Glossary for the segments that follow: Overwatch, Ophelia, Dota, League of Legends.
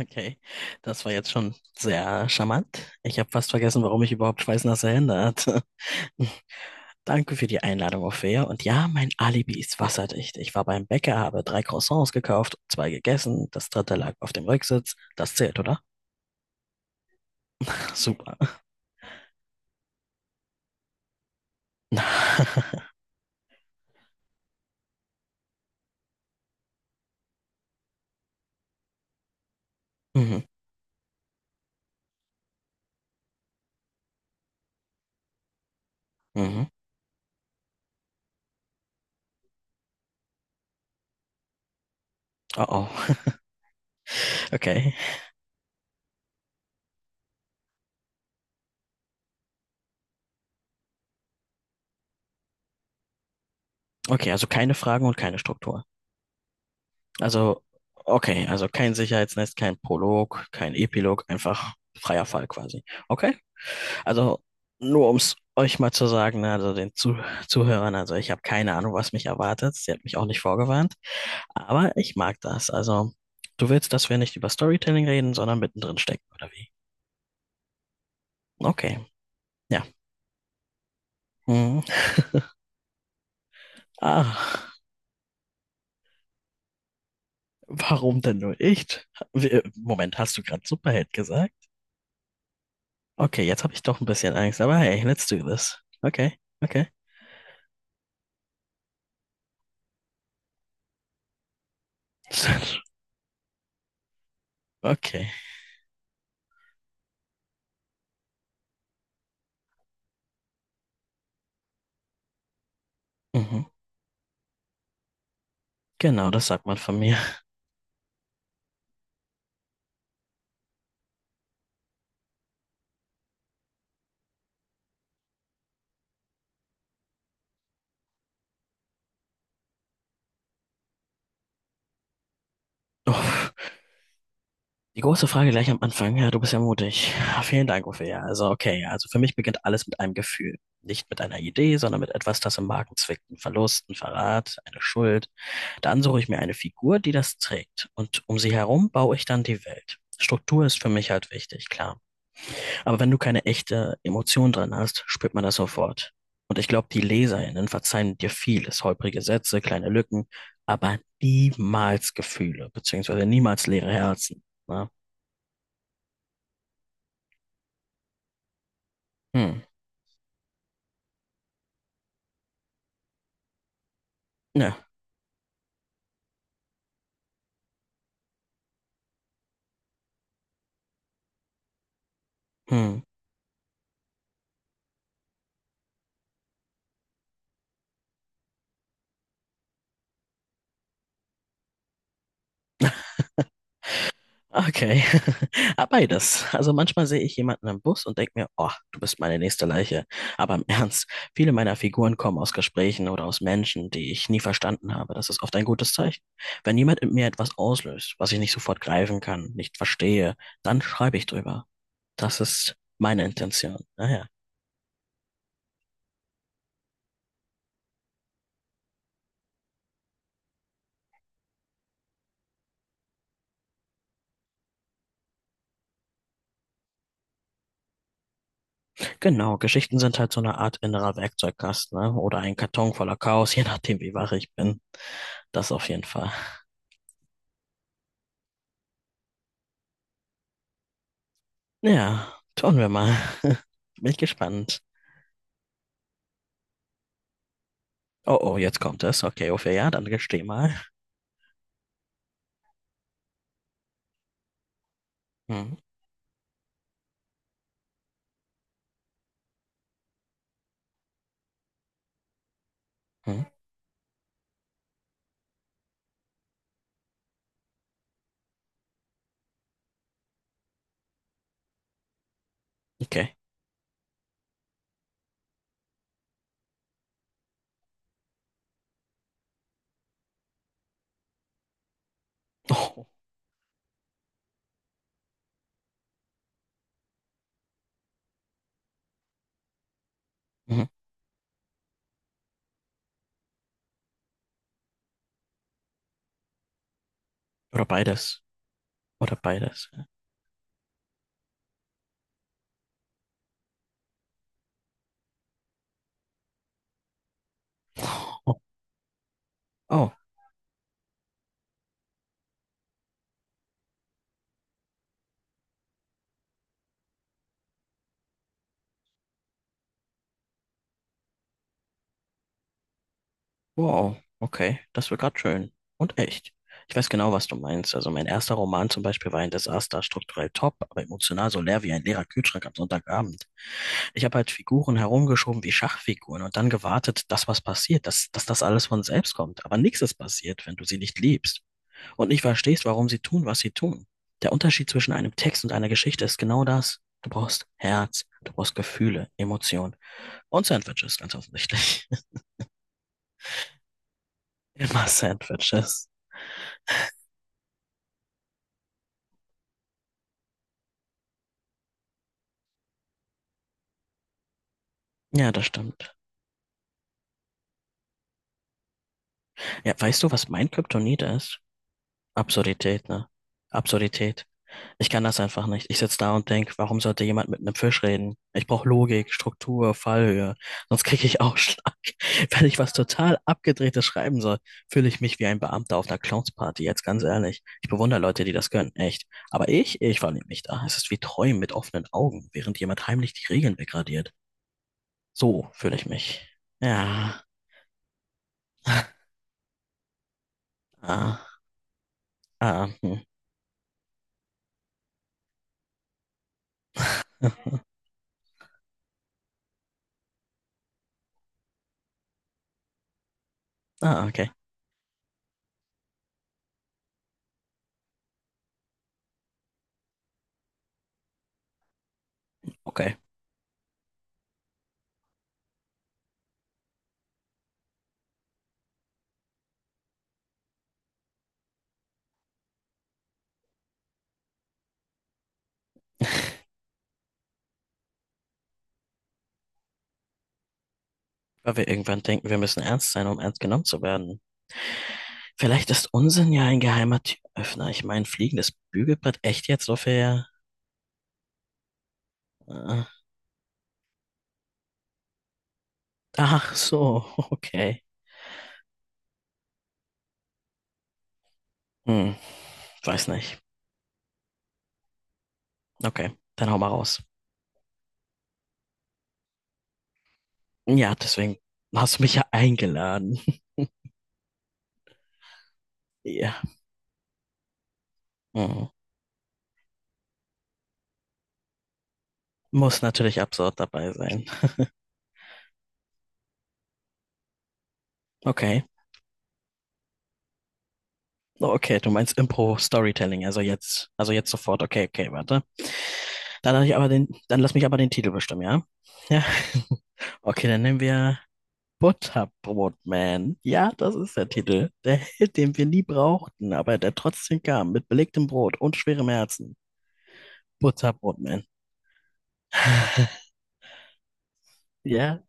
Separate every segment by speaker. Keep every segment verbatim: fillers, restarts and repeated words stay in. Speaker 1: Okay, das war jetzt schon sehr charmant. Ich habe fast vergessen, warum ich überhaupt schweißnasse Hände hatte. Danke für die Einladung, Ophäa. Und ja, mein Alibi ist wasserdicht. Ich war beim Bäcker, habe drei Croissants gekauft, zwei gegessen, das dritte lag auf dem Rücksitz. Das zählt, oder? Super. Mhm, mhm. Oh, oh. Okay. Okay, also keine Fragen und keine Struktur. Also, okay, also kein Sicherheitsnetz, kein Prolog, kein Epilog, einfach freier Fall quasi. Okay, also nur um es euch mal zu sagen, ne, also den Zuh Zuhörern, also ich habe keine Ahnung, was mich erwartet. Sie hat mich auch nicht vorgewarnt, aber ich mag das. Also du willst, dass wir nicht über Storytelling reden, sondern mittendrin stecken, oder wie? Okay, ja. Hm. Ah, warum denn nur nicht? Wir- Moment, hast du gerade Superheld gesagt? Okay, jetzt habe ich doch ein bisschen Angst, aber hey, let's do this. Okay, okay. Okay. Mhm. Genau, das sagt man von mir. Uff. Die große Frage gleich am Anfang. Ja, du bist ja mutig. Ah, vielen Dank, Uffe. Ja, also okay. Also für mich beginnt alles mit einem Gefühl. Nicht mit einer Idee, sondern mit etwas, das im Magen zwickt. Ein Verlust, ein Verrat, eine Schuld. Dann suche ich mir eine Figur, die das trägt. Und um sie herum baue ich dann die Welt. Struktur ist für mich halt wichtig, klar. Aber wenn du keine echte Emotion drin hast, spürt man das sofort. Und ich glaube, die LeserInnen verzeihen dir vieles, holprige Sätze, kleine Lücken, aber niemals Gefühle, beziehungsweise niemals leere Herzen. Ne? Hm. Ja. Hm. Okay. Ah, beides. Also manchmal sehe ich jemanden im Bus und denke mir, oh, du bist meine nächste Leiche. Aber im Ernst, viele meiner Figuren kommen aus Gesprächen oder aus Menschen, die ich nie verstanden habe. Das ist oft ein gutes Zeichen. Wenn jemand in mir etwas auslöst, was ich nicht sofort greifen kann, nicht verstehe, dann schreibe ich drüber. Das ist meine Intention. Naja. Genau, Geschichten sind halt so eine Art innerer Werkzeugkasten, ne? Oder ein Karton voller Chaos, je nachdem, wie wach ich bin. Das auf jeden Fall. Ja, tun wir mal. Bin gespannt. Oh, oh, jetzt kommt es. Okay, Ophelia, ja, dann gesteh mal. Hm, hm, okay. Oh, mhm. Oder beides. Oder beides. Oh, oh, wow. Okay, das wird gerade schön. Und echt. Ich weiß genau, was du meinst. Also mein erster Roman zum Beispiel war ein Desaster, strukturell top, aber emotional so leer wie ein leerer Kühlschrank am Sonntagabend. Ich habe halt Figuren herumgeschoben wie Schachfiguren und dann gewartet, dass was passiert, dass, dass das alles von selbst kommt. Aber nichts ist passiert, wenn du sie nicht liebst und nicht verstehst, warum sie tun, was sie tun. Der Unterschied zwischen einem Text und einer Geschichte ist genau das. Du brauchst Herz, du brauchst Gefühle, Emotionen und Sandwiches, ganz offensichtlich. Immer Sandwiches. Ja, das stimmt. Ja, weißt du, was mein Kryptonit ist? Absurdität, ne? Absurdität. Ich kann das einfach nicht. Ich sitze da und denk, warum sollte jemand mit einem Fisch reden? Ich brauche Logik, Struktur, Fallhöhe. Sonst kriege ich Ausschlag. Wenn ich was total Abgedrehtes schreiben soll, fühle ich mich wie ein Beamter auf einer Clownsparty, jetzt ganz ehrlich. Ich bewundere Leute, die das können, echt. Aber ich, ich verlieb mich da. Es ist wie Träumen mit offenen Augen, während jemand heimlich die Regeln degradiert. So fühle ich mich. Ja. Ah, ah, hm. Ah, okay. Okay. Weil wir irgendwann denken, wir müssen ernst sein, um ernst genommen zu werden. Vielleicht ist Unsinn ja ein geheimer Türöffner. Ich meine, fliegendes Bügelbrett, echt jetzt so viel? Äh, ach so, okay. Hm, weiß nicht. Okay, dann hau mal raus. Ja, deswegen hast du mich ja eingeladen. Ja, hm. Muss natürlich absurd dabei sein. Okay. Oh, okay, du meinst Impro-Storytelling, also jetzt, also jetzt sofort. Okay, okay, warte. Dann lass ich aber den, dann lass mich aber den Titel bestimmen, ja? Ja. Okay, dann nehmen wir Butterbrotman. Ja, das ist der Titel. Der Held, den wir nie brauchten, aber der trotzdem kam, mit belegtem Brot und schwerem Herzen. Butterbrotman. Ja,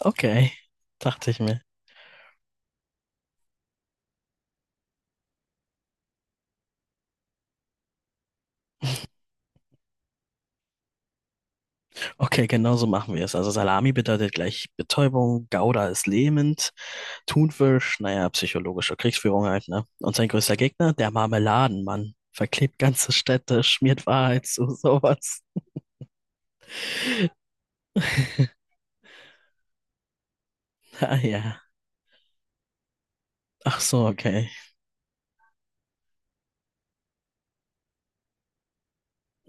Speaker 1: okay. Dachte ich mir. Okay, genau so machen wir es. Also Salami bedeutet gleich Betäubung, Gouda ist lähmend, Thunfisch, naja, psychologische Kriegsführung halt, ne? Und sein größter Gegner, der Marmeladenmann, verklebt ganze Städte, schmiert Wahrheit zu sowas. Ah ja. Ach so, okay.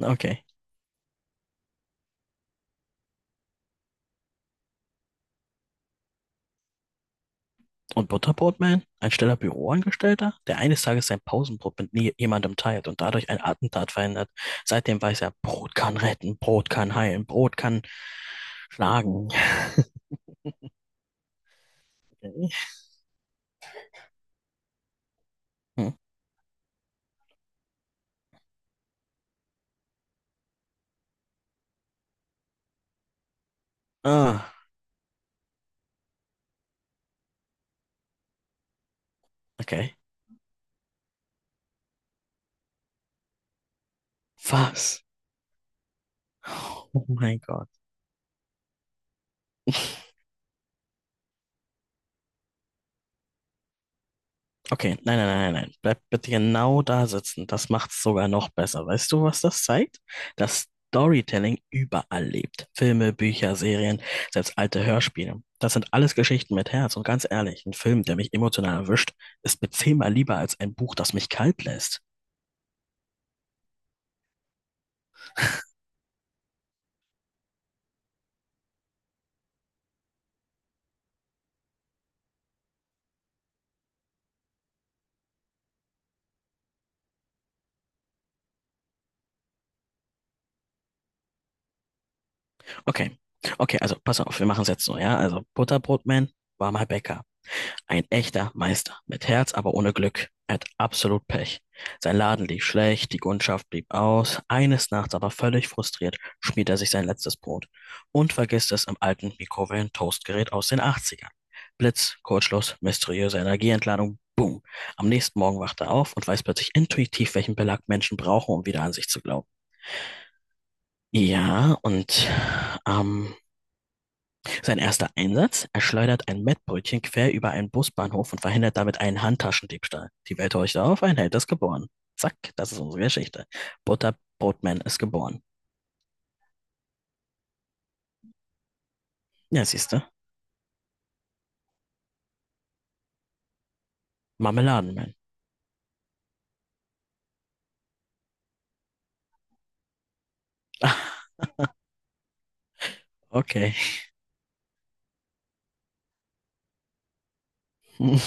Speaker 1: Okay. Und Butterbrotman, ein stiller Büroangestellter, der eines Tages sein Pausenbrot mit nie jemandem teilt und dadurch ein Attentat verhindert. Seitdem weiß er, Brot kann retten, Brot kann heilen, Brot kann schlagen. Hm. Ah, okay. Was? Oh mein Gott. Okay, nein, nein, nein, nein, nein. Bleib bitte genau da sitzen. Das macht's sogar noch besser. Weißt du, was das zeigt? Dass Storytelling überall lebt. Filme, Bücher, Serien, selbst alte Hörspiele. Das sind alles Geschichten mit Herz. Und ganz ehrlich, ein Film, der mich emotional erwischt, ist mir zehnmal lieber als ein Buch, das mich kalt lässt. Okay, okay, also pass auf, wir machen es jetzt so, ja? Also Butterbrotman, warmer Bäcker. Ein echter Meister. Mit Herz, aber ohne Glück. Er hat absolut Pech. Sein Laden lief schlecht, die Kundschaft blieb aus. Eines Nachts aber völlig frustriert schmiert er sich sein letztes Brot und vergisst es im alten Mikrowellen-Toastgerät aus den achtzigern. Blitz, Kurzschluss, mysteriöse Energieentladung, boom. Am nächsten Morgen wacht er auf und weiß plötzlich intuitiv, welchen Belag Menschen brauchen, um wieder an sich zu glauben. Ja, und am sein erster Einsatz? Er schleudert ein Mettbrötchen quer über einen Busbahnhof und verhindert damit einen Handtaschendiebstahl. Die Welt horcht auf, ein Held ist geboren. Zack, das ist unsere Geschichte. Butterbrotman ist geboren. Ja, siehste. Marmeladenman. Ah, okay. Hm,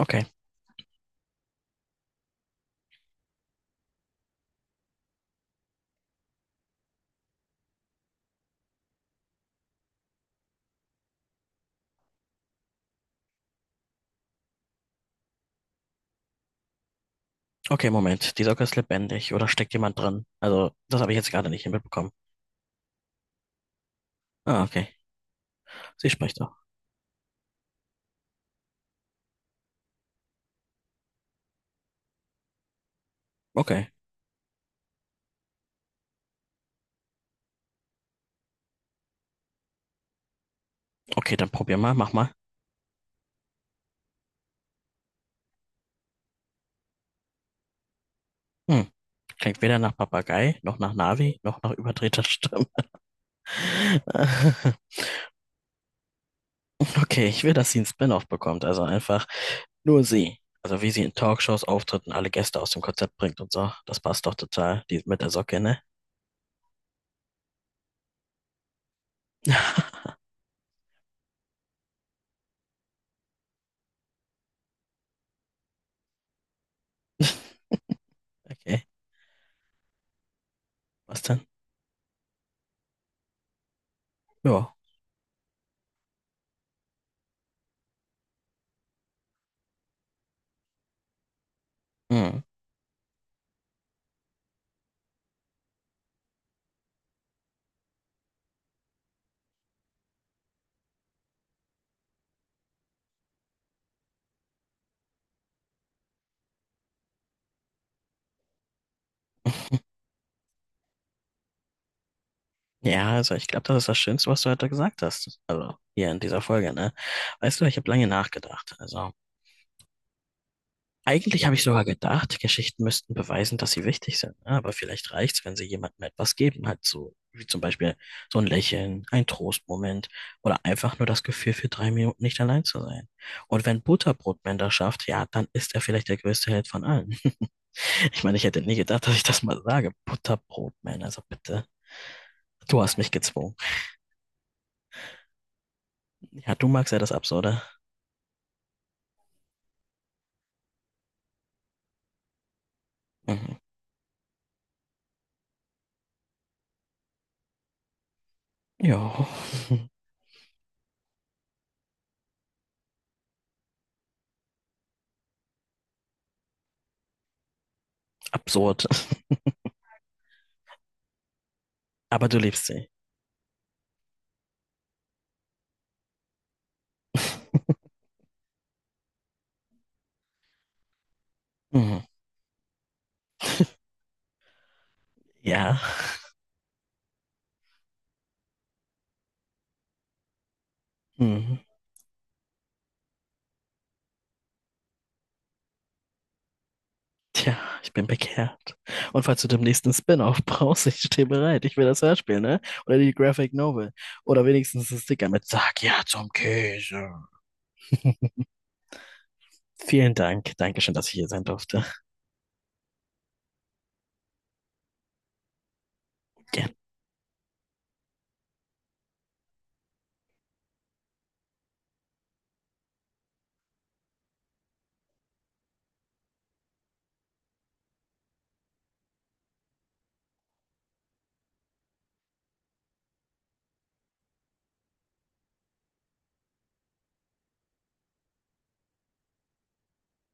Speaker 1: okay. Okay, Moment. Die Socke ist lebendig oder steckt jemand drin? Also, das habe ich jetzt gerade nicht mitbekommen. Ah, okay. Sie spricht doch. Okay. Okay, dann probier mal, mach mal. Hm. Klingt weder nach Papagei, noch nach Navi, noch nach überdrehter Stimme. Okay, ich will, dass sie einen Spin-off bekommt, also einfach nur sie. Also wie sie in Talkshows auftritt und alle Gäste aus dem Konzept bringt und so. Das passt doch total, die mit der Socke, ne? Okay, was denn? Ja. Hm. Ja, also ich glaube, das ist das Schönste, was du heute gesagt hast. Also hier in dieser Folge, ne? Weißt du, ich habe lange nachgedacht. Also. Eigentlich habe ich sogar gedacht, Geschichten müssten beweisen, dass sie wichtig sind, ne? Aber vielleicht reicht's, wenn sie jemandem etwas geben, halt so, wie zum Beispiel so ein Lächeln, ein Trostmoment oder einfach nur das Gefühl, für drei Minuten nicht allein zu sein. Und wenn Butterbrotman das schafft, ja, dann ist er vielleicht der größte Held von allen. Ich meine, ich hätte nie gedacht, dass ich das mal sage. Butterbrotman, also bitte. Du hast mich gezwungen. Ja, du magst ja das Absurde. Mhm. Ja, absurd. Aber du liebst sie. Mhm. Ja. Mhm. Tja, ich bin bekehrt. Und falls du demnächst einen Spin-off brauchst, ich stehe bereit. Ich will das Hörspiel, ne? Oder die Graphic Novel. Oder wenigstens ein Sticker mit Sag ja zum Käse. Vielen Dank. Dankeschön, dass ich hier sein durfte. Gerne.